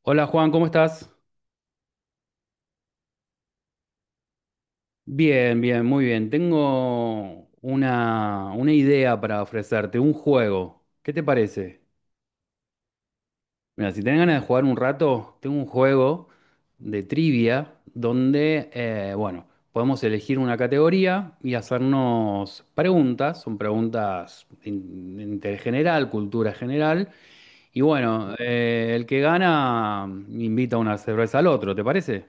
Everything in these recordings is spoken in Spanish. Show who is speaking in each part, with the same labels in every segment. Speaker 1: Hola Juan, ¿cómo estás? Bien, bien, muy bien. Tengo una idea para ofrecerte, un juego. ¿Qué te parece? Mira, si tenés ganas de jugar un rato, tengo un juego de trivia donde, bueno, podemos elegir una categoría y hacernos preguntas. Son de interés general, cultura general. Y bueno, el que gana invita una cerveza al otro, ¿te parece?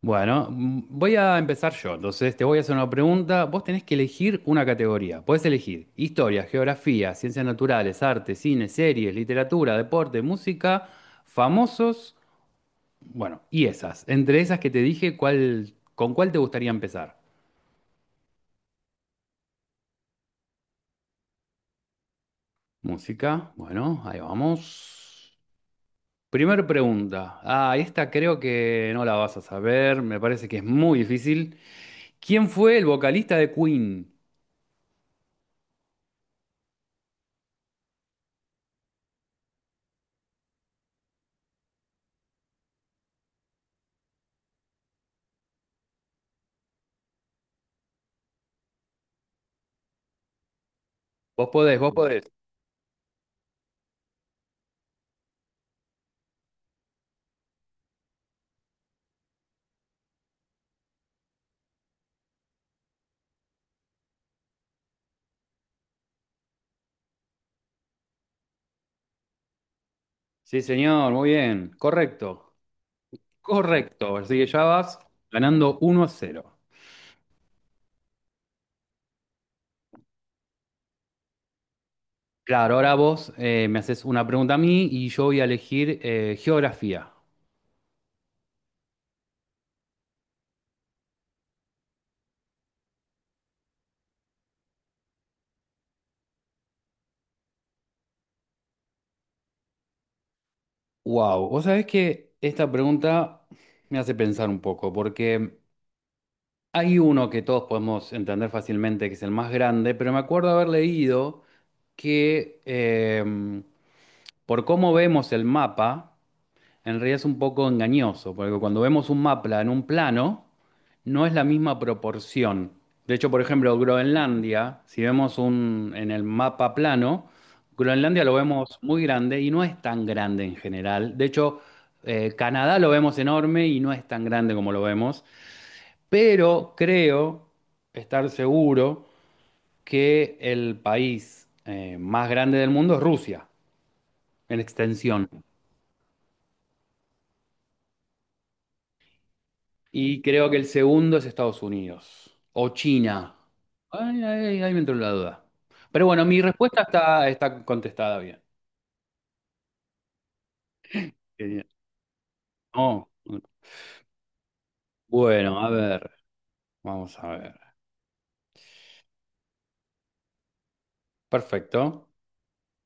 Speaker 1: Bueno, voy a empezar yo. Entonces, te voy a hacer una pregunta. Vos tenés que elegir una categoría. Podés elegir historia, geografía, ciencias naturales, arte, cine, series, literatura, deporte, música, famosos, bueno, y esas. Entre esas que te dije, ¿con cuál te gustaría empezar? Música, bueno, ahí vamos. Primer pregunta. Ah, esta creo que no la vas a saber. Me parece que es muy difícil. ¿Quién fue el vocalista de Queen? Vos podés, vos podés. Sí, señor, muy bien. Correcto. Correcto. Así que ya vas ganando 1-0. Claro, ahora vos me haces una pregunta a mí y yo voy a elegir geografía. Wow, vos sabés que esta pregunta me hace pensar un poco, porque hay uno que todos podemos entender fácilmente, que es el más grande, pero me acuerdo haber leído que por cómo vemos el mapa. En realidad es un poco engañoso, porque cuando vemos un mapa en un plano, no es la misma proporción. De hecho, por ejemplo, Groenlandia, si en el mapa plano, Groenlandia lo vemos muy grande y no es tan grande en general. De hecho, Canadá lo vemos enorme y no es tan grande como lo vemos. Pero creo estar seguro que el país más grande del mundo es Rusia, en extensión. Y creo que el segundo es Estados Unidos o China. Ay, ay, ahí me entró la duda. Pero bueno, mi respuesta está contestada bien. Genial. No. Bueno, a ver, vamos a ver. Perfecto.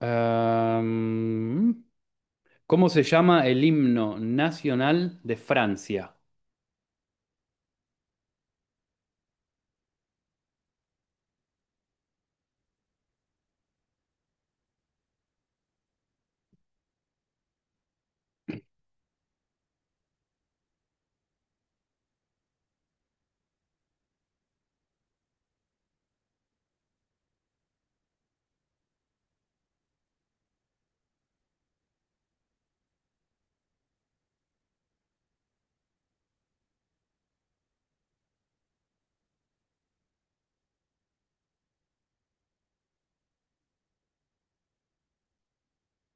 Speaker 1: Em, ¿Cómo se llama el himno nacional de Francia?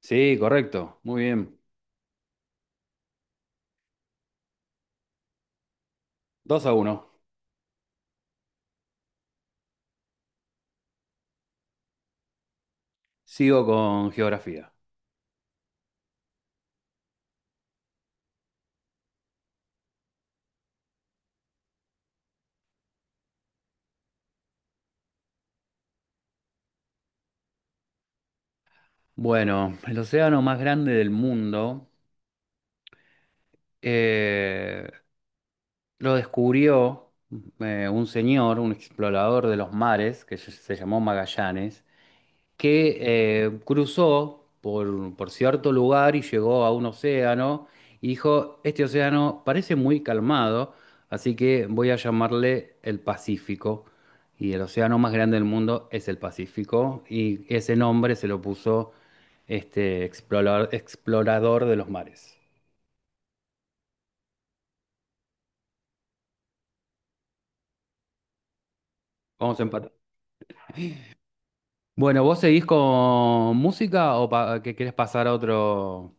Speaker 1: Sí, correcto. Muy bien. 2-1. Sigo con geografía. Bueno, el océano más grande del mundo eh, lo descubrió un señor, un explorador de los mares, que se llamó Magallanes, que cruzó por cierto lugar y llegó a un océano y dijo, este océano parece muy calmado, así que voy a llamarle el Pacífico. Y el océano más grande del mundo es el Pacífico, y ese nombre se lo puso este explorador de los mares. Vamos a empatar. Bueno, ¿vos seguís con música o que querés pasar a otro?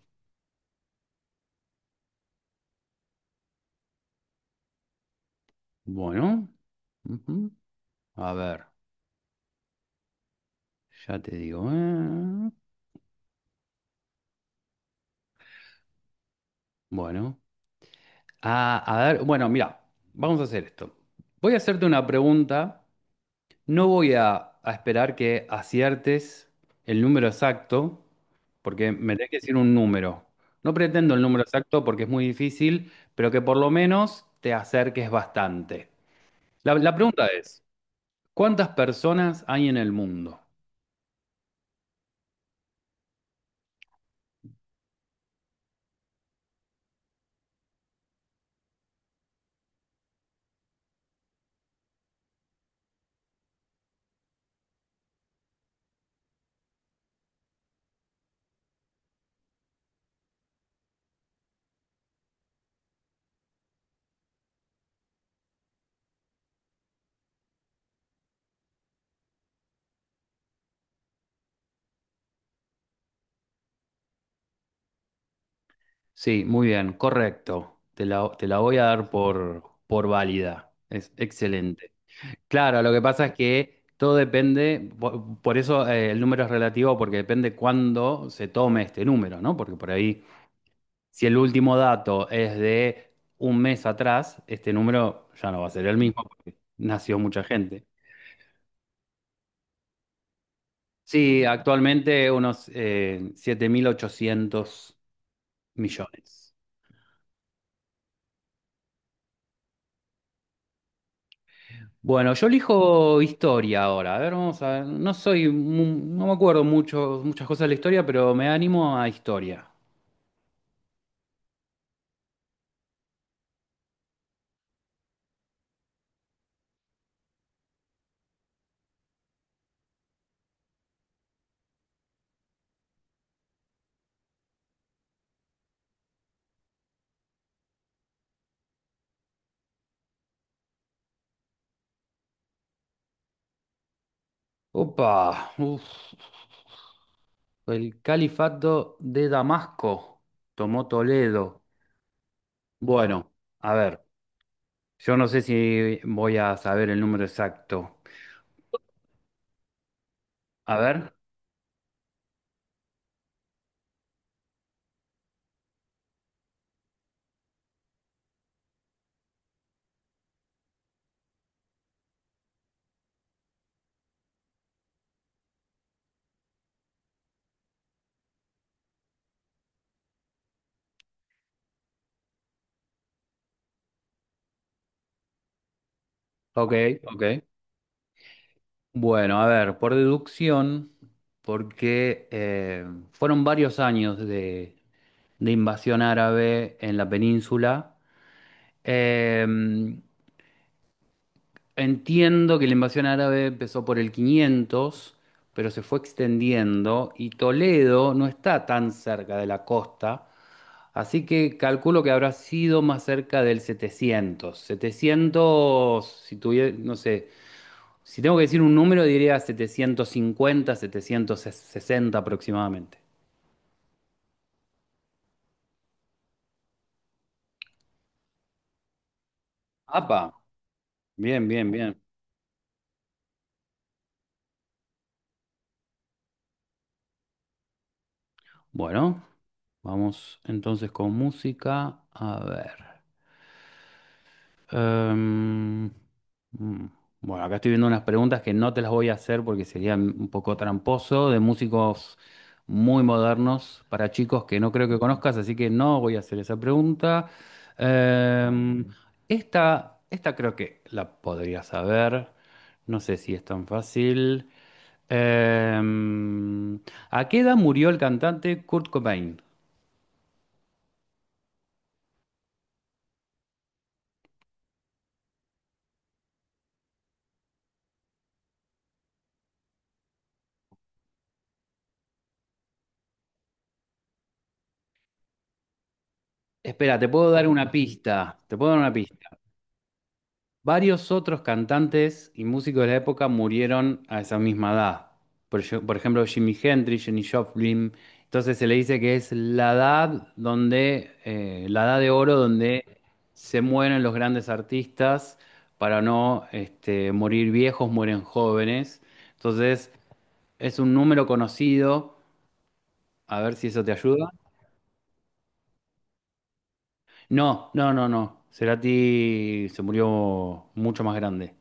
Speaker 1: Bueno, ujú. A ver, ya te digo. Bueno, ah, a ver, bueno, mira, vamos a hacer esto. Voy a hacerte una pregunta. No a esperar que aciertes el número exacto, porque me tenés que decir un número. No pretendo el número exacto porque es muy difícil, pero que por lo menos te acerques bastante. La pregunta es. ¿Cuántas personas hay en el mundo? Sí, muy bien, correcto. Te la voy a dar por válida. Es excelente. Claro, lo que pasa es que todo depende, por eso, el número es relativo, porque depende cuándo se tome este número, ¿no? Porque por ahí, si el último dato es de un mes atrás, este número ya no va a ser el mismo, porque nació mucha gente. Sí, actualmente unos 7.800 millones. Bueno, yo elijo historia ahora. A ver, vamos a ver. No me acuerdo mucho, muchas cosas de la historia, pero me animo a historia. Opa, uf, el califato de Damasco tomó Toledo. Bueno, a ver, yo no sé si voy a saber el número exacto. A ver, ok, ok. Bueno, a ver, por deducción, porque fueron varios años de invasión árabe en la península. Eh, entiendo que la invasión árabe empezó por el 500, pero se fue extendiendo y Toledo no está tan cerca de la costa, así que calculo que habrá sido más cerca del 700, 700. Si tuviera, no sé, si tengo que decir un número diría 750, 760 aproximadamente. ¡Apa! Bien, bien, bien. Bueno, vamos entonces con música. A ver. Em, mm, bueno, acá estoy viendo unas preguntas que no te las voy a hacer porque serían un poco tramposo, de músicos muy modernos para chicos que no creo que conozcas, así que no voy a hacer esa pregunta. Em, esta creo que la podrías saber, no sé si es tan fácil. Em, ¿A qué edad murió el cantante Kurt Cobain? Espera, te puedo dar una pista, te puedo dar una pista. Varios otros cantantes y músicos de la época murieron a esa misma edad. Por ejemplo, Jimi Hendrix, Jenny Joplin. Entonces se le dice que es la edad donde, la edad de oro donde se mueren los grandes artistas para no morir viejos, mueren jóvenes. Entonces es un número conocido. A ver si eso te ayuda. No, no, no, no. Cerati se murió mucho más grande.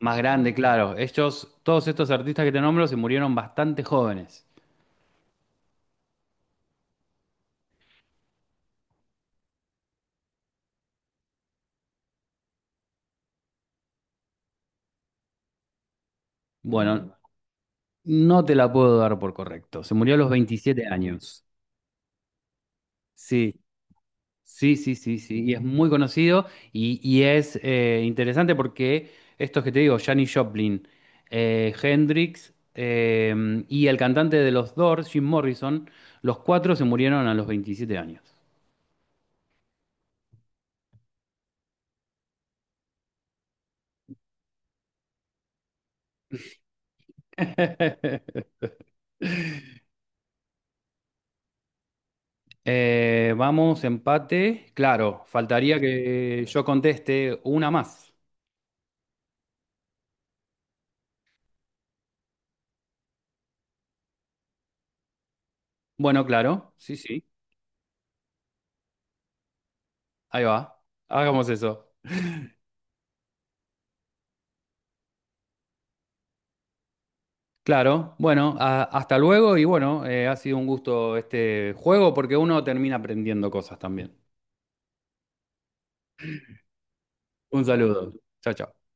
Speaker 1: Más grande, claro. Estos todos estos artistas que te nombro, se murieron bastante jóvenes. Mm. Bueno, no te la puedo dar por correcto. Se murió a los 27 años. Sí, sí, sí, sí, sí. Y es muy conocido y es interesante porque estos que te digo, Janis Joplin, Hendrix y el cantante de los Doors, Jim Morrison, los cuatro se murieron a los 27 años. Vamos, empate. Claro, faltaría que yo conteste una más. Bueno, claro, sí, sí. Ahí va. Hagamos eso. Claro, bueno, hasta luego y bueno, ha sido un gusto este juego porque uno termina aprendiendo cosas también. Un saludo. Chao, chao.